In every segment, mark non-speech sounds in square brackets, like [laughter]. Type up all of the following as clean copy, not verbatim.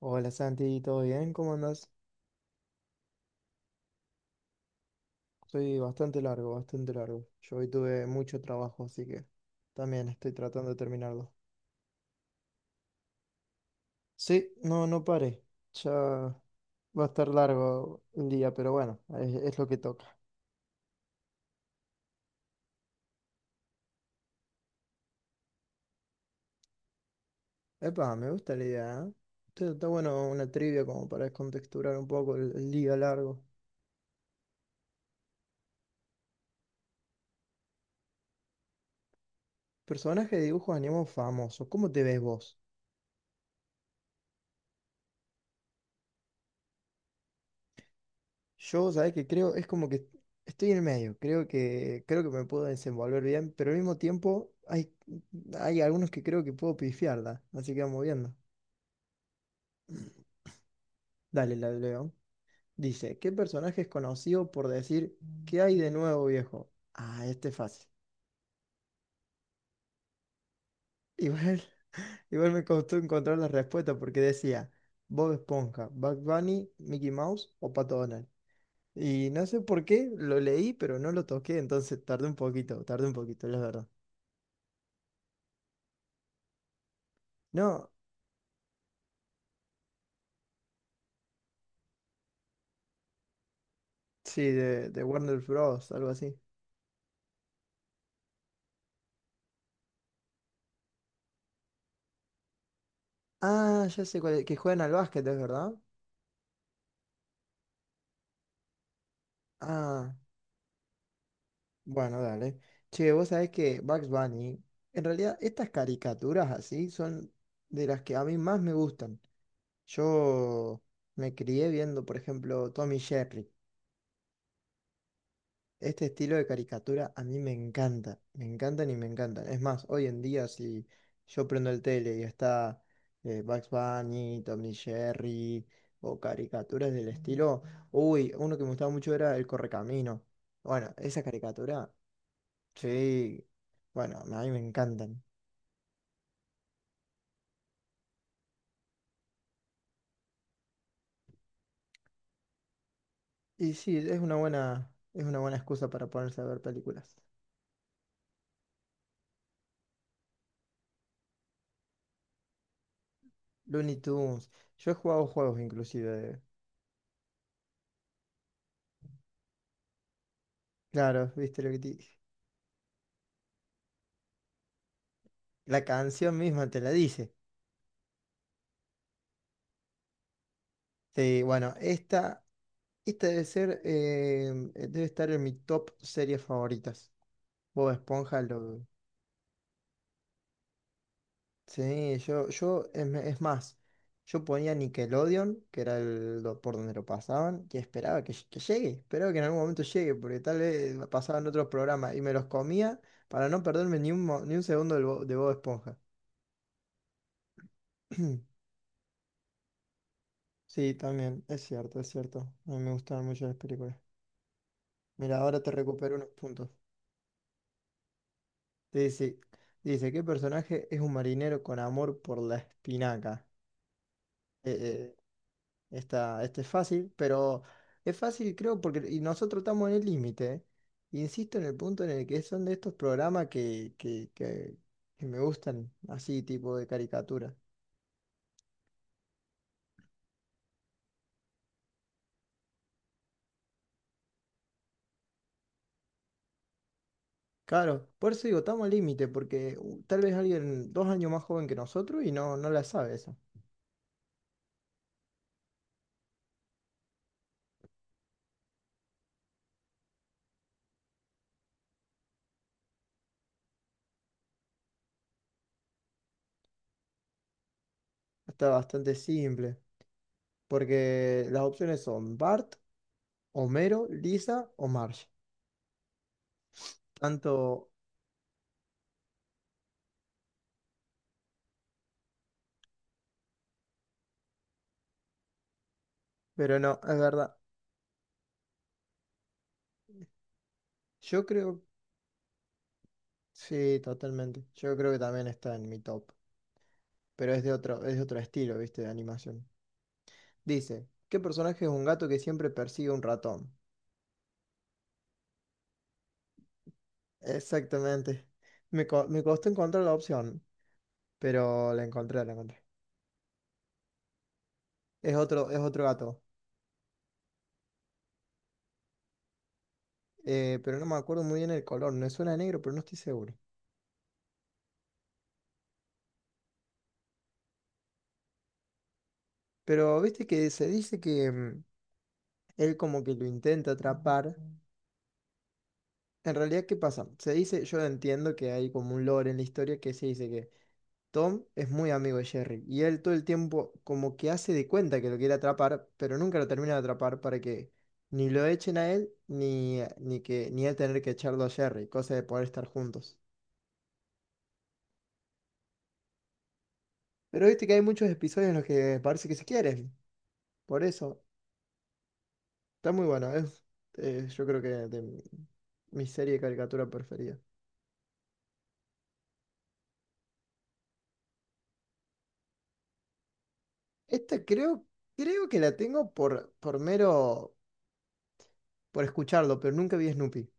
Hola Santi, ¿todo bien? ¿Cómo andas? Soy bastante largo, bastante largo. Yo hoy tuve mucho trabajo, así que también estoy tratando de terminarlo. Sí, no, no paré. Ya va a estar largo el día, pero bueno, es lo que toca. Epa, me gusta la idea, ¿eh? Está bueno una trivia como para descontexturar un poco el día largo. Personaje de dibujos animados famoso, ¿cómo te ves vos? Yo, ¿sabes qué? Creo, es como que estoy en el medio, creo que me puedo desenvolver bien, pero al mismo tiempo hay algunos que creo que puedo pifiarla, así que vamos viendo. Dale, la leo. Dice, ¿qué personaje es conocido por decir qué hay de nuevo, viejo? Ah, este es fácil. Igual, [laughs] igual me costó encontrar la respuesta porque decía Bob Esponja, Bugs Bunny, Mickey Mouse o Pato Donald. Y no sé por qué, lo leí, pero no lo toqué, entonces tardé un poquito, la verdad. No, sí, de Warner Bros., algo así. Ah, ya sé cuál es, que juegan al básquet, ¿es verdad? Ah, bueno, dale. Che, vos sabés que Bugs Bunny, en realidad estas caricaturas así son de las que a mí más me gustan. Yo me crié viendo, por ejemplo, Tommy Jerry. Este estilo de caricatura a mí me encanta, me encantan y me encantan. Es más, hoy en día si yo prendo el tele y está Bugs Bunny, Tom y Jerry o caricaturas del estilo, uy, uno que me gustaba mucho era El Correcamino. Bueno, esa caricatura, sí, bueno, a mí me encantan. Y sí, es una buena excusa para ponerse a ver películas. Looney Tunes, yo he jugado juegos inclusive. Claro, viste lo que te dije. La canción misma te la dice. Sí, bueno, esta debe ser, debe estar en mi top series favoritas. Bob Esponja lo... Sí, es es más, yo ponía Nickelodeon, que era el, por donde lo pasaban, y esperaba que, que llegue, esperaba que en algún momento llegue, porque tal vez lo pasaban otros programas y me los comía para no perderme ni un, ni un segundo de Bob Esponja. [clears throat] Sí, también, es cierto, es cierto. A mí me gustaban mucho las películas. Mira, ahora te recupero unos puntos. Dice, dice, ¿qué personaje es un marinero con amor por la espinaca? Eh, eh, esta, este es fácil, pero es fácil creo porque y nosotros estamos en el límite. Insisto en el punto en el que son de estos programas que me gustan, así tipo de caricatura. Claro, por eso digo, estamos al límite, porque tal vez alguien 2 años más joven que nosotros y no, no la sabe eso. Está bastante simple, porque las opciones son Bart, Homero, Lisa o Marge. Tanto, pero no, es verdad. Yo creo, sí, totalmente. Yo creo que también está en mi top, pero es de otro estilo, ¿viste? De animación. Dice, ¿qué personaje es un gato que siempre persigue un ratón? Exactamente. Me costó encontrar la opción, pero la encontré, la encontré. Es otro gato. Pero no me acuerdo muy bien el color. Me suena a negro, pero no estoy seguro. Pero viste que se dice que él como que lo intenta atrapar. En realidad, ¿qué pasa? Se dice, yo entiendo que hay como un lore en la historia que se dice que Tom es muy amigo de Jerry y él todo el tiempo como que hace de cuenta que lo quiere atrapar, pero nunca lo termina de atrapar para que ni lo echen a él ni, ni que ni él tener que echarlo a Jerry, cosa de poder estar juntos. Pero viste que hay muchos episodios en los que parece que se quieren, por eso está muy bueno, es yo creo que de mi, mi serie de caricatura preferida. Esta creo, creo que la tengo por mero por escucharlo, pero nunca vi Snoopy.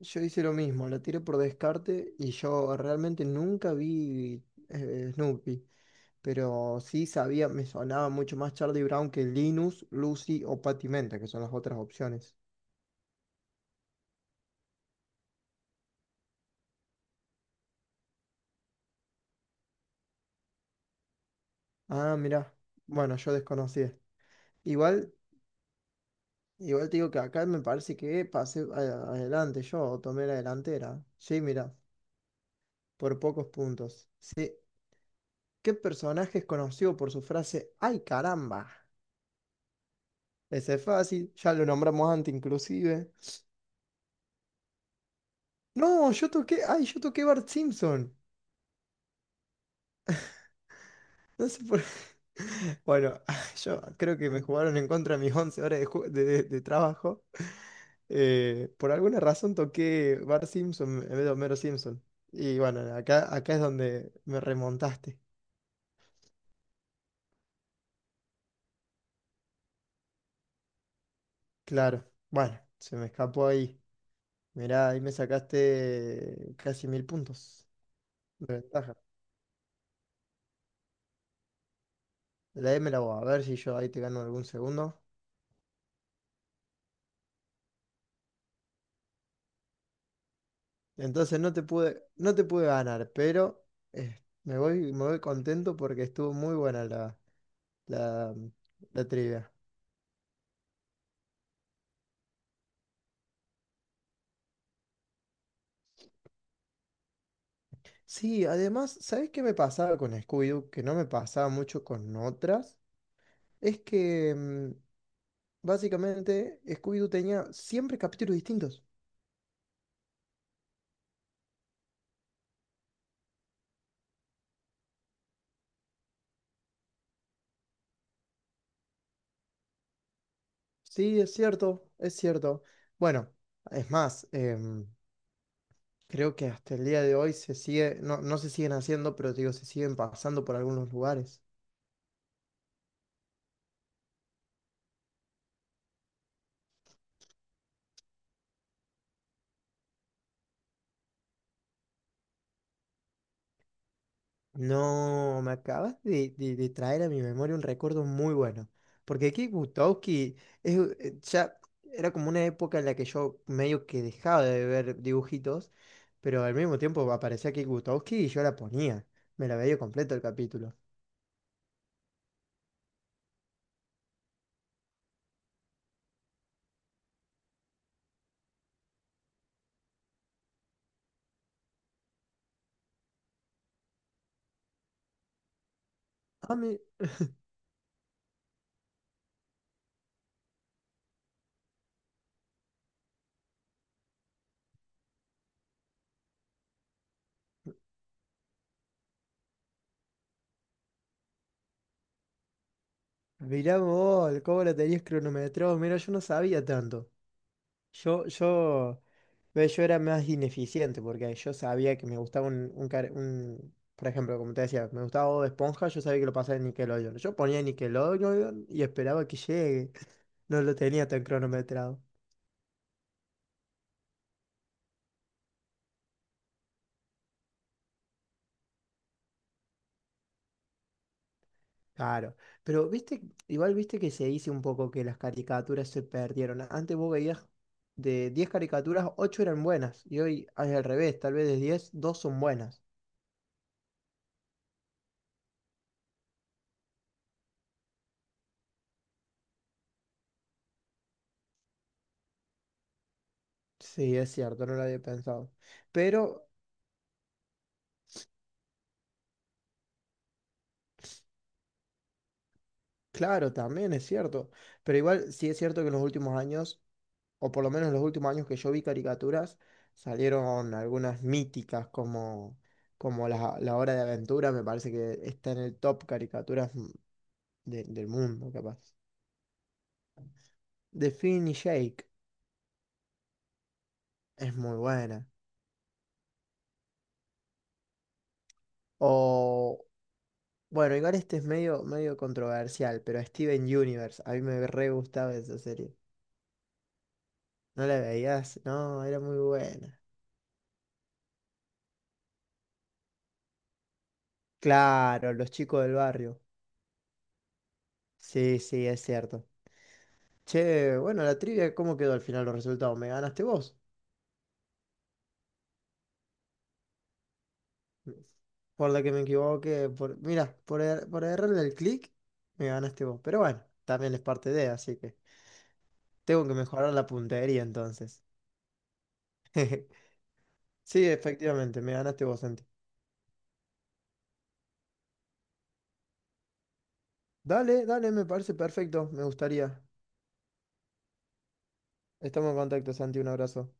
Yo hice lo mismo, la tiré por descarte y yo realmente nunca vi Snoopy, pero sí sabía, me sonaba mucho más Charlie Brown que Linus, Lucy o Patty Menta, que son las otras opciones. Ah, mirá, bueno, yo desconocía. Igual, igual te digo que acá me parece que pasé adelante yo, tomé la delantera. Sí, mirá, por pocos puntos. Sí. ¿Qué personaje es conocido por su frase, ¡ay caramba!? Ese es fácil, ya lo nombramos antes inclusive. No, yo toqué, ay, yo toqué Bart Simpson. No sé por [laughs] Bueno, [laughs] yo creo que me jugaron en contra mis 11 horas de, de trabajo. Por alguna razón toqué Bart Simpson en vez de Homero Simpson. Y bueno, acá es donde me remontaste. Claro, bueno, se me escapó ahí. Mirá, ahí me sacaste casi 1.000 puntos de ventaja. La M la voy a ver si yo ahí te gano algún segundo. Entonces no te pude, no te pude ganar, pero me voy contento porque estuvo muy buena la, la trivia. Sí, además, ¿sabés qué me pasaba con Scooby-Doo? Que no me pasaba mucho con otras. Es que básicamente Scooby-Doo tenía siempre capítulos distintos. Sí, es cierto, es cierto. Bueno, es más, creo que hasta el día de hoy se sigue, no, no se siguen haciendo, pero digo, se siguen pasando por algunos lugares. No, me acabas de, de traer a mi memoria un recuerdo muy bueno. Porque aquí Butowski es, ya era como una época en la que yo medio que dejaba de ver dibujitos, pero al mismo tiempo aparecía Kik Butowski y yo la ponía. Me la veía completo el capítulo. Ah, mirá vos, cómo la tenías cronometrado. Mira, yo no sabía tanto. Yo, yo, yo era más ineficiente porque yo sabía que me gustaba por ejemplo, como te decía, me gustaba Bob Esponja, yo sabía que lo pasaba en Nickelodeon. Yo ponía Nickelodeon y esperaba que llegue. No lo tenía tan cronometrado. Claro. Pero viste, igual viste que se dice un poco que las caricaturas se perdieron. Antes vos veías de 10 caricaturas, 8 eran buenas. Y hoy es al revés, tal vez de 10 2 son buenas. Sí, es cierto, no lo había pensado. Pero claro, también es cierto. Pero igual sí es cierto que en los últimos años, o por lo menos en los últimos años que yo vi caricaturas, salieron algunas míticas como, como la Hora de Aventura, me parece que está en el top caricaturas del mundo, capaz. De Finn y Jake es muy buena. O, bueno, igual este es medio, medio controversial, pero Steven Universe, a mí me re gustaba esa serie. ¿No la veías? No, era muy buena. Claro, los chicos del barrio. Sí, sí, es cierto. Che, bueno, la trivia, ¿cómo quedó al final los resultados? ¿Me ganaste vos? Por la que me equivoqué, por, mira, por, por errarle el clic, me ganaste vos. Pero bueno, también es parte de, así que tengo que mejorar la puntería entonces. [laughs] Sí, efectivamente, me ganaste vos, Santi. Dale, dale, me parece perfecto, me gustaría. Estamos en contacto, Santi, un abrazo.